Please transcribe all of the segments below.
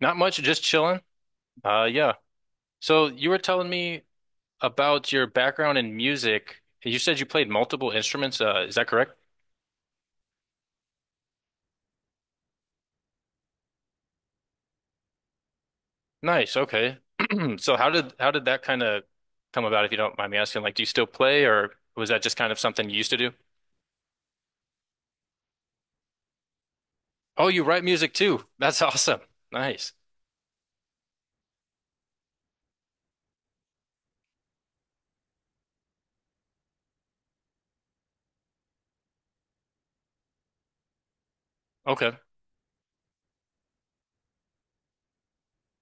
Not much, just chilling. Uh, yeah. So you were telling me about your background in music. You said you played multiple instruments. Is that correct? Nice. Okay. So how did that kind of come about, if you don't mind me asking? Like, do you still play, or was that just kind of something you used to do? Oh, you write music too. That's awesome. Nice. Okay.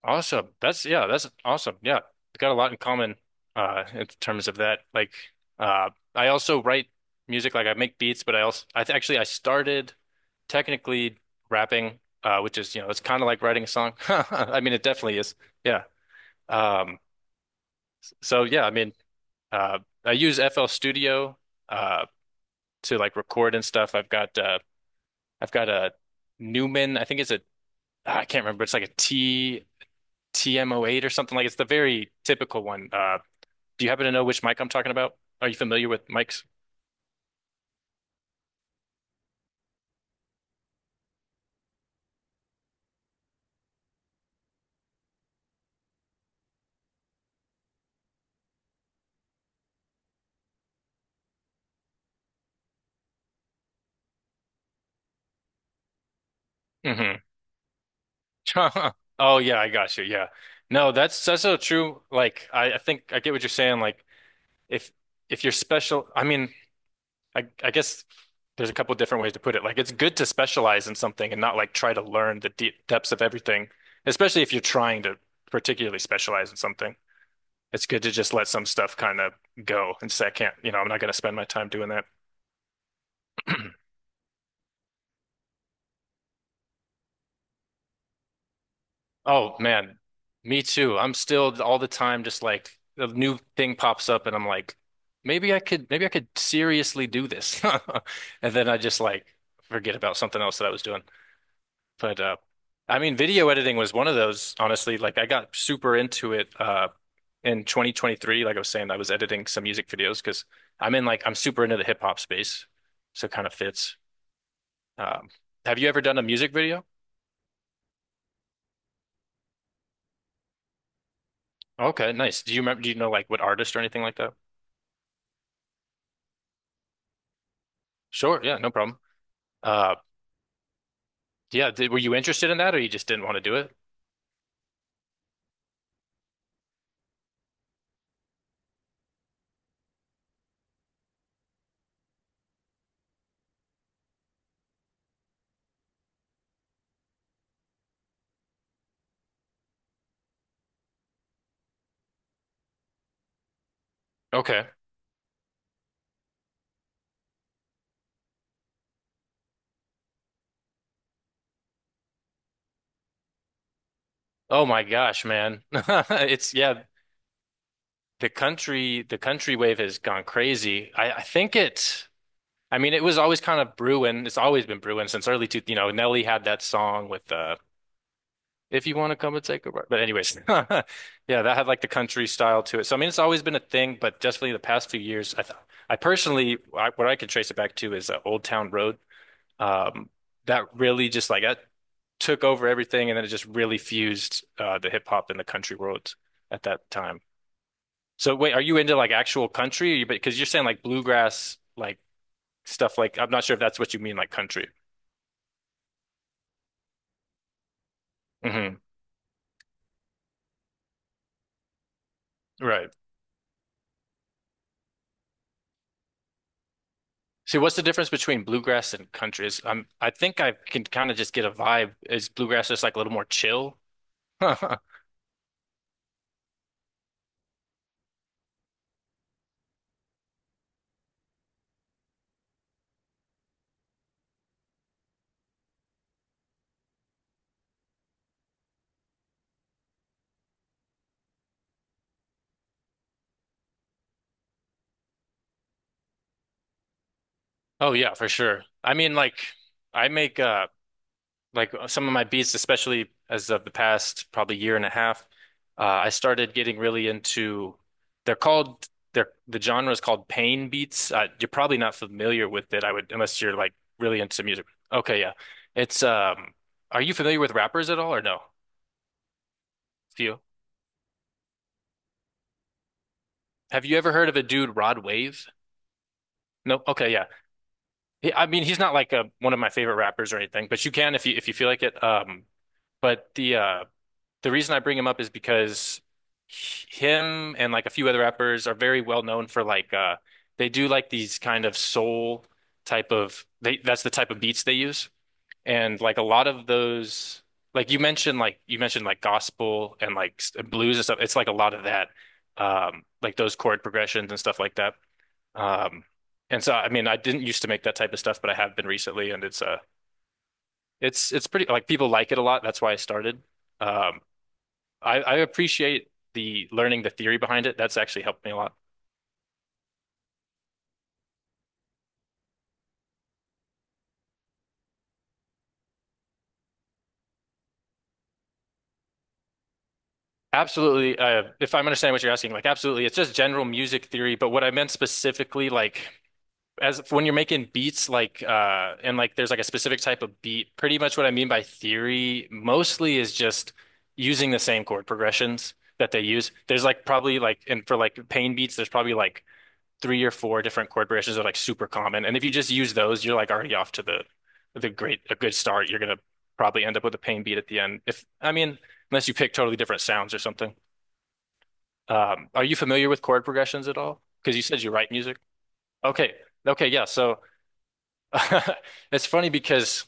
Awesome. That's yeah, that's awesome. Yeah. Got a lot in common in terms of that. Like I also write music, like I make beats, but I also I th actually I started technically rapping, which is, you know, it's kind of like writing a song. I mean, it definitely is. Yeah. Um so yeah, I mean, uh I use FL Studio uh to like record and stuff. I've got a Newman, I think it's a I can't remember, it's like a T TM08 or something like it's the very typical one. Do you happen to know which mic I'm talking about? Are you familiar with mics? Hmm. Oh yeah, I got you. Yeah. No, that's so true. Like I think I get what you're saying. Like if if you're special, I mean, I guess there's a couple different ways to put it. Like it's good to specialize in something and not like try to learn the deep depths of everything, especially if you're trying to particularly specialize in something. It's good to just let some stuff kind of go and say, I can't, you know, I'm not going to spend my time doing that. Oh man, me too. I'm still all the time just like a new thing pops up and I'm like, maybe I could seriously do this. And then I just like forget about something else that I was doing. But I mean video editing was one of those, honestly. Like I got super into it in 2023, like I was saying, I was editing some music videos because I'm in like I'm super into the hip hop space. So it kind of fits. Um have you ever done a music video? Okay, nice. Do you know like what artist or anything like that? Sure. Yeah, no problem. Uh, were you interested in that or you just didn't want to do it? Okay. Oh my gosh, man. It's yeah, the country wave has gone crazy. I think it I mean it was always kind of brewing. It's always been brewing since early two, you know, Nelly had that song with If You Want to Come and Take a Ride. But anyways, yeah, that had like the country style to it. So I mean it's always been a thing, but definitely the past few years I th I personally what I could trace it back to is Old Town Road. Um, that really just like that took over everything, and then it just really fused the hip hop and the country world at that time. So wait, are you into like actual country? Or you, because you're saying like bluegrass, like stuff like I'm not sure if that's what you mean, like country. Hmm. Right. See, what's the difference between bluegrass and country? Is I think I can kind of just get a vibe. Is bluegrass just like a little more chill? Oh yeah, for sure. I mean, like I make some of my beats, especially as of the past probably year and a half, I started getting really into. They're called they're the genre is called pain beats. You're probably not familiar with it, I would unless you're like really into music. Okay, yeah, it's Are you familiar with rappers at all or no? Few. Have you ever heard of a dude Rod Wave? No. Okay, yeah. I mean, he's not like a one of my favorite rappers or anything, but you can if you feel like it. But the reason I bring him up is because him and like a few other rappers are very well known for like they do like these kind of soul type of they that's the type of beats they use and like a lot of those like you mentioned like gospel and like blues and stuff, it's like a lot of that, like those chord progressions and stuff like that, um and so I mean I didn't used to make that type of stuff but I have been recently and it's it's pretty like people like it a lot, that's why I started. um I appreciate the learning the theory behind it. That's actually helped me a lot. Absolutely. If I'm understanding what you're asking, like absolutely, it's just general music theory. But what I meant specifically, like as when you're making beats, like and like there's like a specific type of beat. Pretty much what I mean by theory mostly is just using the same chord progressions that they use. There's like probably like and for like pain beats, there's probably like three or four different chord progressions are like super common. And if you just use those, you're like already off to the great a good start. You're gonna probably end up with a pain beat at the end. If I mean, unless you pick totally different sounds or something. Are you familiar with chord progressions at all? Because you said you write music. Okay. Okay, yeah. So it's funny because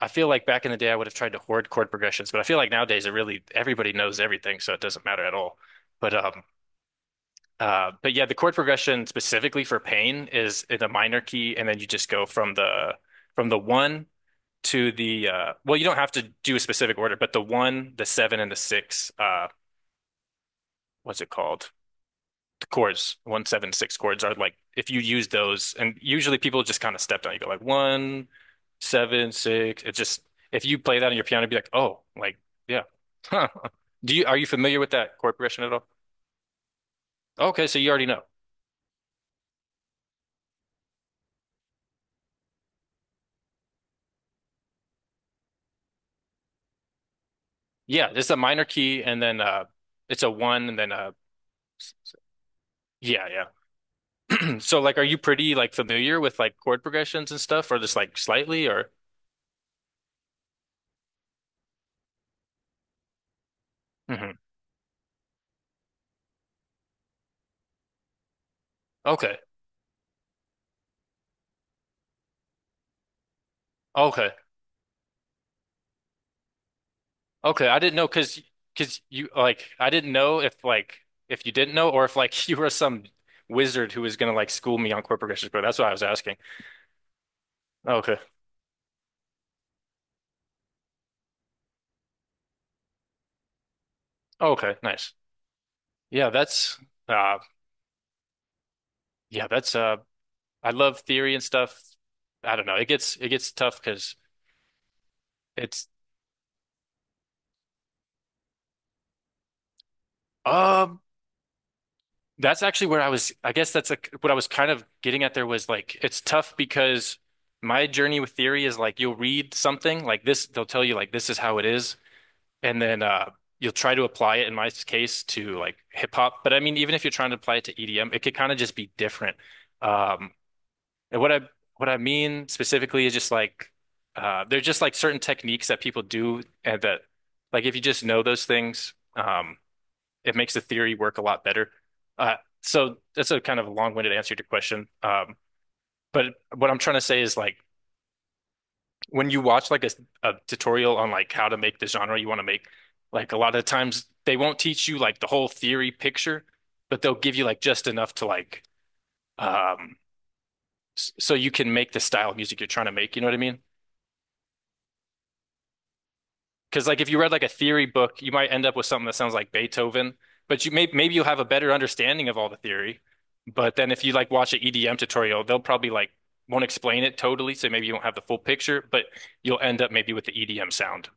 I feel like back in the day I would have tried to hoard chord progressions, but I feel like nowadays it really everybody knows everything, so it doesn't matter at all. But um but yeah, the chord progression specifically for pain is in a minor key, and then you just go from the one to the well, you don't have to do a specific order, but the one, the seven, and the six, what's it called? The chords, one, seven, six chords are like if you use those, and usually people just kind of step down. You go like one, seven, six. It just if you play that on your piano, it'd be like, oh, like yeah. Huh. Do you are you familiar with that chord progression at all? Okay, so you already know. Yeah, it's a minor key and then it's a one and then yeah, yeah. So like are you pretty like familiar with like chord progressions and stuff or just like slightly or Mhm. Okay. Okay. Okay. I didn't know because you like I didn't know if like if you didn't know or if like you were some wizard who was gonna like school me on chord progressions, but that's what I was asking. Okay. Okay, nice. Yeah, that's uh yeah, that's uh I love theory and stuff. I don't know. It gets tough because it's um that's actually where I was, I guess that's like what I was kind of getting at there was like, it's tough because my journey with theory is like, you'll read something like this, they'll tell you like, this is how it is. And then, you'll try to apply it in my case to like hip hop. But I mean, even if you're trying to apply it to EDM, it could kind of just be different. Um, and what I, what I mean specifically is just like, they're just like certain techniques that people do and that like, if you just know those things, it makes the theory work a lot better. Uh, so that's a kind of long-winded answer to your question. But what I'm trying to say is like when you watch like a tutorial on like how to make the genre you want to make, like a lot of times they won't teach you like the whole theory picture, but they'll give you like just enough to like um, so you can make the style of music you're trying to make. You know what I mean? Because like if you read like a theory book, you might end up with something that sounds like Beethoven, but you may maybe you'll have a better understanding of all the theory. But then if you like watch an EDM tutorial, they'll probably like won't explain it totally, so maybe you don't have the full picture, but you'll end up maybe with the EDM sound.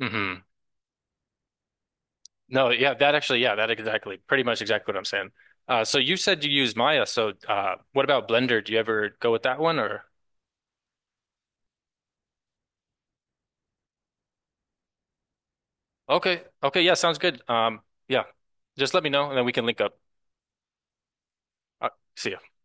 Hmm. No, yeah, that actually, yeah, that exactly, pretty much exactly what I'm saying. So you said you use Maya, so what about Blender? Do you ever go with that one or? Okay, okay, yeah, sounds good. Yeah, just let me know and then we can link up. Uh, see ya.